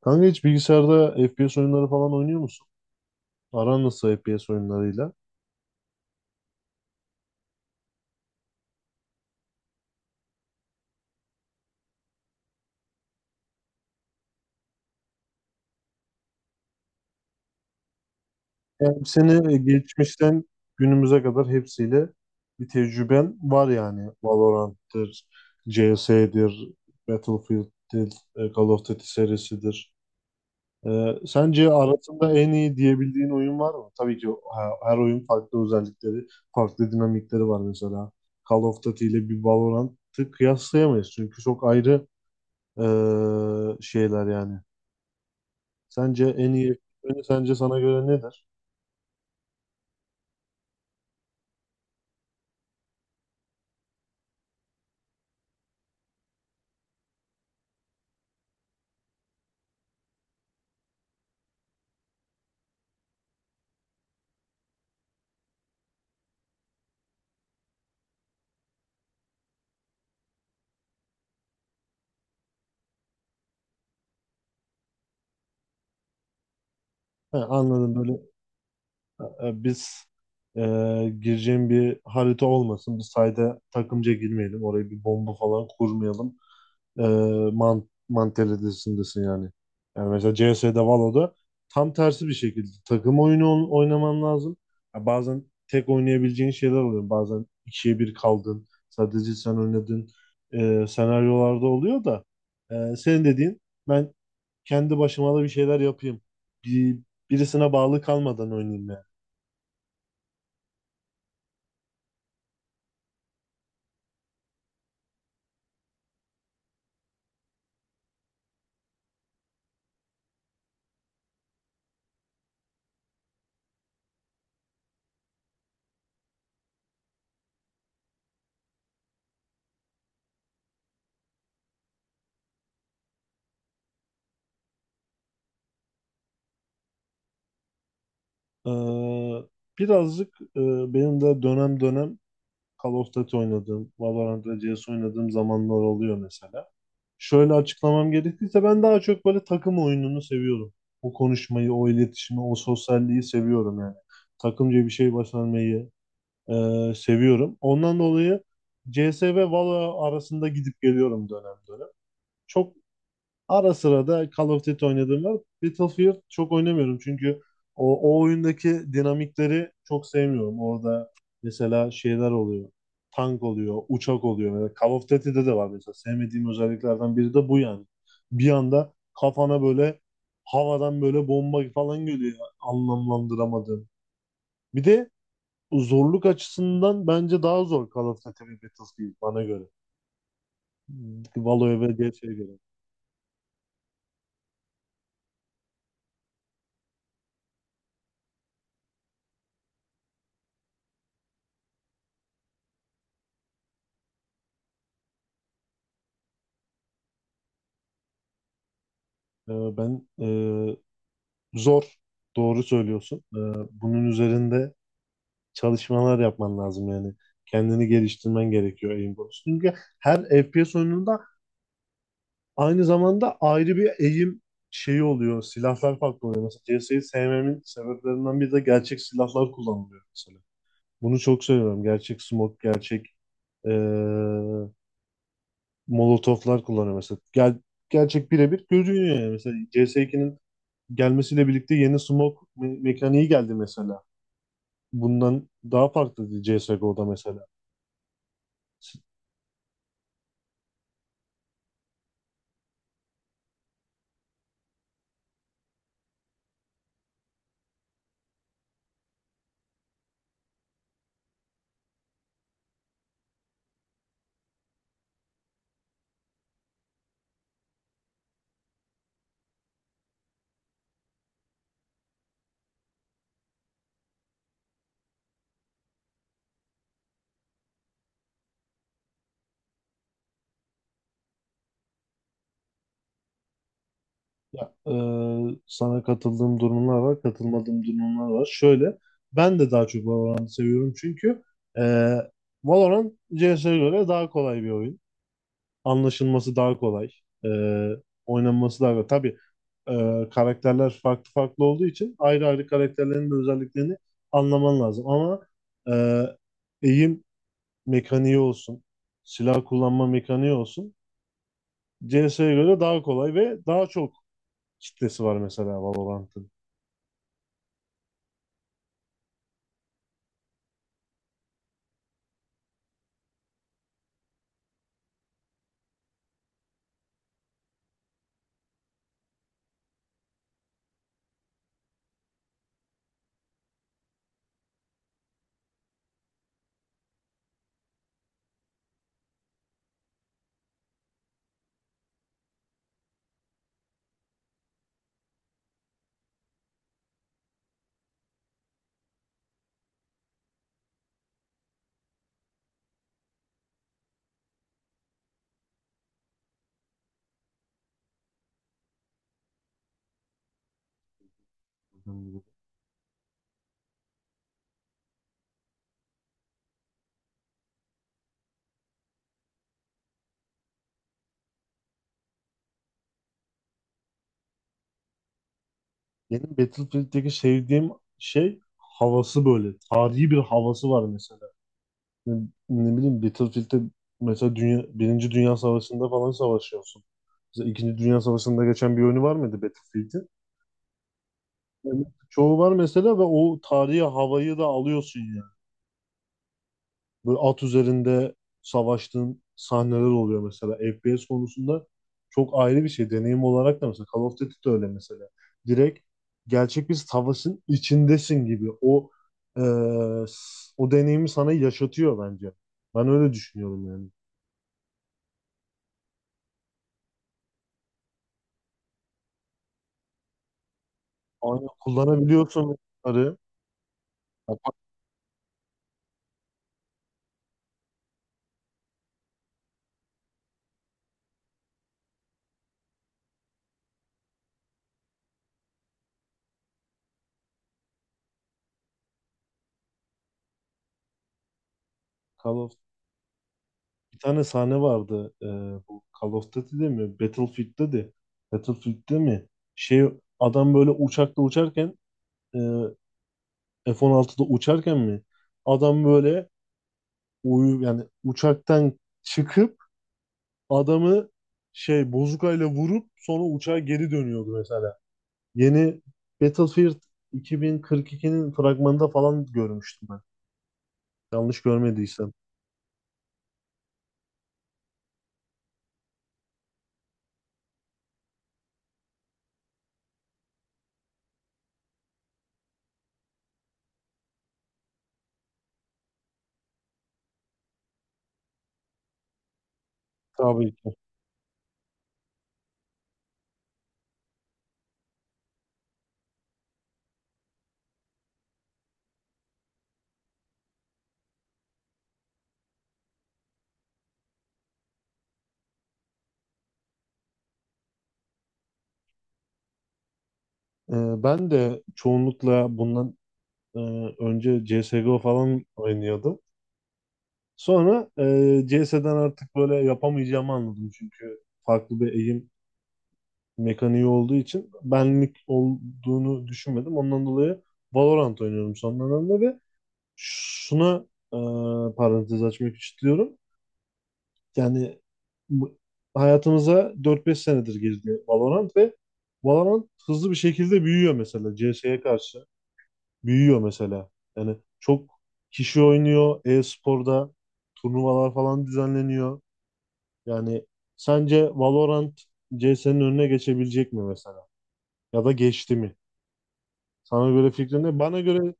Kanka hiç bilgisayarda FPS oyunları falan oynuyor musun? Aran nasıl FPS oyunlarıyla? Yani seni geçmişten günümüze kadar hepsiyle bir tecrüben var yani. Valorant'tır, CS'dir, Battlefield'dir, Call of Duty serisidir. E, Sence arasında en iyi diyebildiğin oyun var mı? Tabii ki her oyun farklı özellikleri, farklı dinamikleri var mesela. Call of Duty ile bir Valorant'ı kıyaslayamayız çünkü çok ayrı e, şeyler yani. Sence en iyi ürünü sence sana göre nedir? He, anladım böyle. Biz e, gireceğim bir harita olmasın. Biz sayda takımca girmeyelim. Oraya bir bomba falan kurmayalım. E, Mantalitesindesin yani. Yani mesela CS'de Valo'da tam tersi bir şekilde takım oyunu oynaman lazım. Ya bazen tek oynayabileceğin şeyler oluyor. Bazen ikiye bir kaldın. Sadece sen oynadın. Senaryolarda oluyor da senin dediğin ben kendi başıma da bir şeyler yapayım. Bir, Birisine bağlı kalmadan oynayayım yani. Ee, Birazcık benim de dönem dönem Call of Duty oynadığım, Valorant ve CS oynadığım zamanlar oluyor mesela. Şöyle açıklamam gerekirse ben daha çok böyle takım oyununu seviyorum. O konuşmayı, o iletişimi, o sosyalliği seviyorum yani. Takımca bir şey başarmayı e, seviyorum. Ondan dolayı CS ve Valo arasında gidip geliyorum dönem dönem. Çok Ara sıra da Call of Duty oynadığım var. Battlefield çok oynamıyorum çünkü o oyundaki dinamikleri çok sevmiyorum. Orada mesela şeyler oluyor. Tank oluyor, uçak oluyor. Mesela Call of Duty'de de var mesela. Sevmediğim özelliklerden biri de bu yani. Bir anda kafana böyle havadan böyle bomba falan geliyor anlamlandıramadığım. Bir de zorluk açısından bence daha zor Call of Duty ve Battlefield bana göre. Valo'ya ve DC'ye göre. Ben Zor. Doğru söylüyorsun. Bunun üzerinde çalışmalar yapman lazım yani. Kendini geliştirmen gerekiyor aim konusunda. Çünkü her FPS oyununda aynı zamanda ayrı bir aim şeyi oluyor. Silahlar farklı oluyor. Mesela CS'yi sevmemin sebeplerinden biri de gerçek silahlar kullanılıyor mesela. Bunu çok seviyorum. Gerçek smoke, gerçek ee, molotoflar kullanıyor mesela. Gerçek birebir görünüyor yani. Mesela CS2'nin gelmesiyle birlikte yeni smoke mekaniği geldi mesela. Bundan daha farklı CSGO'da mesela. Ya, sana katıldığım durumlar var, katılmadığım durumlar var. Şöyle, ben de daha çok Valorant'ı seviyorum çünkü e, Valorant CS'ye göre daha kolay bir oyun. Anlaşılması daha kolay. E, Oynanması daha kolay. Tabii karakterler farklı farklı olduğu için ayrı ayrı karakterlerin de özelliklerini anlaman lazım. Ama e, eğim mekaniği olsun, silah kullanma mekaniği olsun CS'ye göre daha kolay ve daha çok kitlesi var mesela Valorant'ın. Benim Battlefield'deki sevdiğim şey havası böyle. Tarihi bir havası var mesela. Ne, Ne bileyim Battlefield'de mesela dünya, Birinci Dünya Savaşı'nda falan savaşıyorsun. Mesela İkinci Dünya Savaşı'nda geçen bir oyunu var mıydı Battlefield'in? Yani çoğu var mesela ve o tarihi havayı da alıyorsun yani. Böyle at üzerinde savaştığın sahneler oluyor mesela. FPS konusunda çok ayrı bir şey. Deneyim olarak da mesela Call of Duty de öyle mesela. Direkt gerçek bir savaşın içindesin gibi. E, o deneyimi sana yaşatıyor bence. Ben öyle düşünüyorum yani. Aynen kullanabiliyorsun bunları. Ya bak, Call of bir tane sahne vardı. Bu Call of Duty'de mi? Battlefield'de de. Battlefield'de mi? Şey Adam böyle uçakla uçarken, e, F-16'da uçarken mi? Adam böyle uyu yani uçaktan çıkıp adamı bozukayla vurup sonra uçağa geri dönüyordu mesela. Yeni Battlefield 2042'nin fragmanında falan görmüştüm ben. Yanlış görmediysem. Tabii ki. Ee, Ben de çoğunlukla bundan e, önce CSGO falan oynuyordum. Sonra CS'den artık böyle yapamayacağımı anladım çünkü farklı bir eğim mekaniği olduğu için benlik olduğunu düşünmedim. Ondan dolayı Valorant oynuyorum son dönemde ve şuna e, parantez açmak istiyorum. Yani bu- hayatımıza 4-5 senedir girdi Valorant ve Valorant hızlı bir şekilde büyüyor mesela CS'ye karşı. Büyüyor mesela. Yani çok kişi oynuyor. E-sporda turnuvalar falan düzenleniyor. Yani sence Valorant CS'nin önüne geçebilecek mi mesela? Ya da geçti mi? Sana göre fikrin ne? Bana göre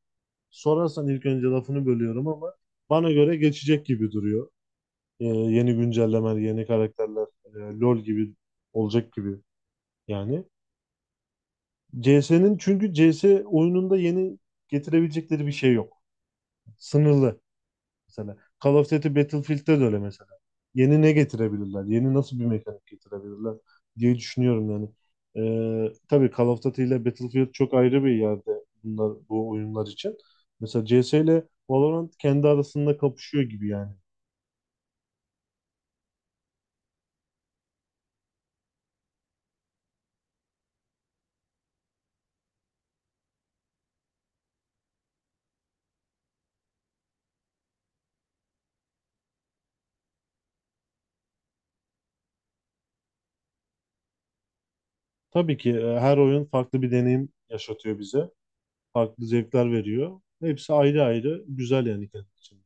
sorarsan ilk önce lafını bölüyorum ama bana göre geçecek gibi duruyor. Yeni güncellemeler, yeni karakterler, LoL gibi olacak gibi yani. CS'nin çünkü CS oyununda yeni getirebilecekleri bir şey yok. Sınırlı. Mesela Call of Duty Battlefield'de de öyle mesela. Yeni ne getirebilirler? Yeni nasıl bir mekanik getirebilirler diye düşünüyorum yani. Tabii Call of Duty ile Battlefield çok ayrı bir yerde bunlar bu oyunlar için. Mesela CS ile Valorant kendi arasında kapışıyor gibi yani. Tabii ki her oyun farklı bir deneyim yaşatıyor bize. Farklı zevkler veriyor. Hepsi ayrı ayrı güzel yani kendi için.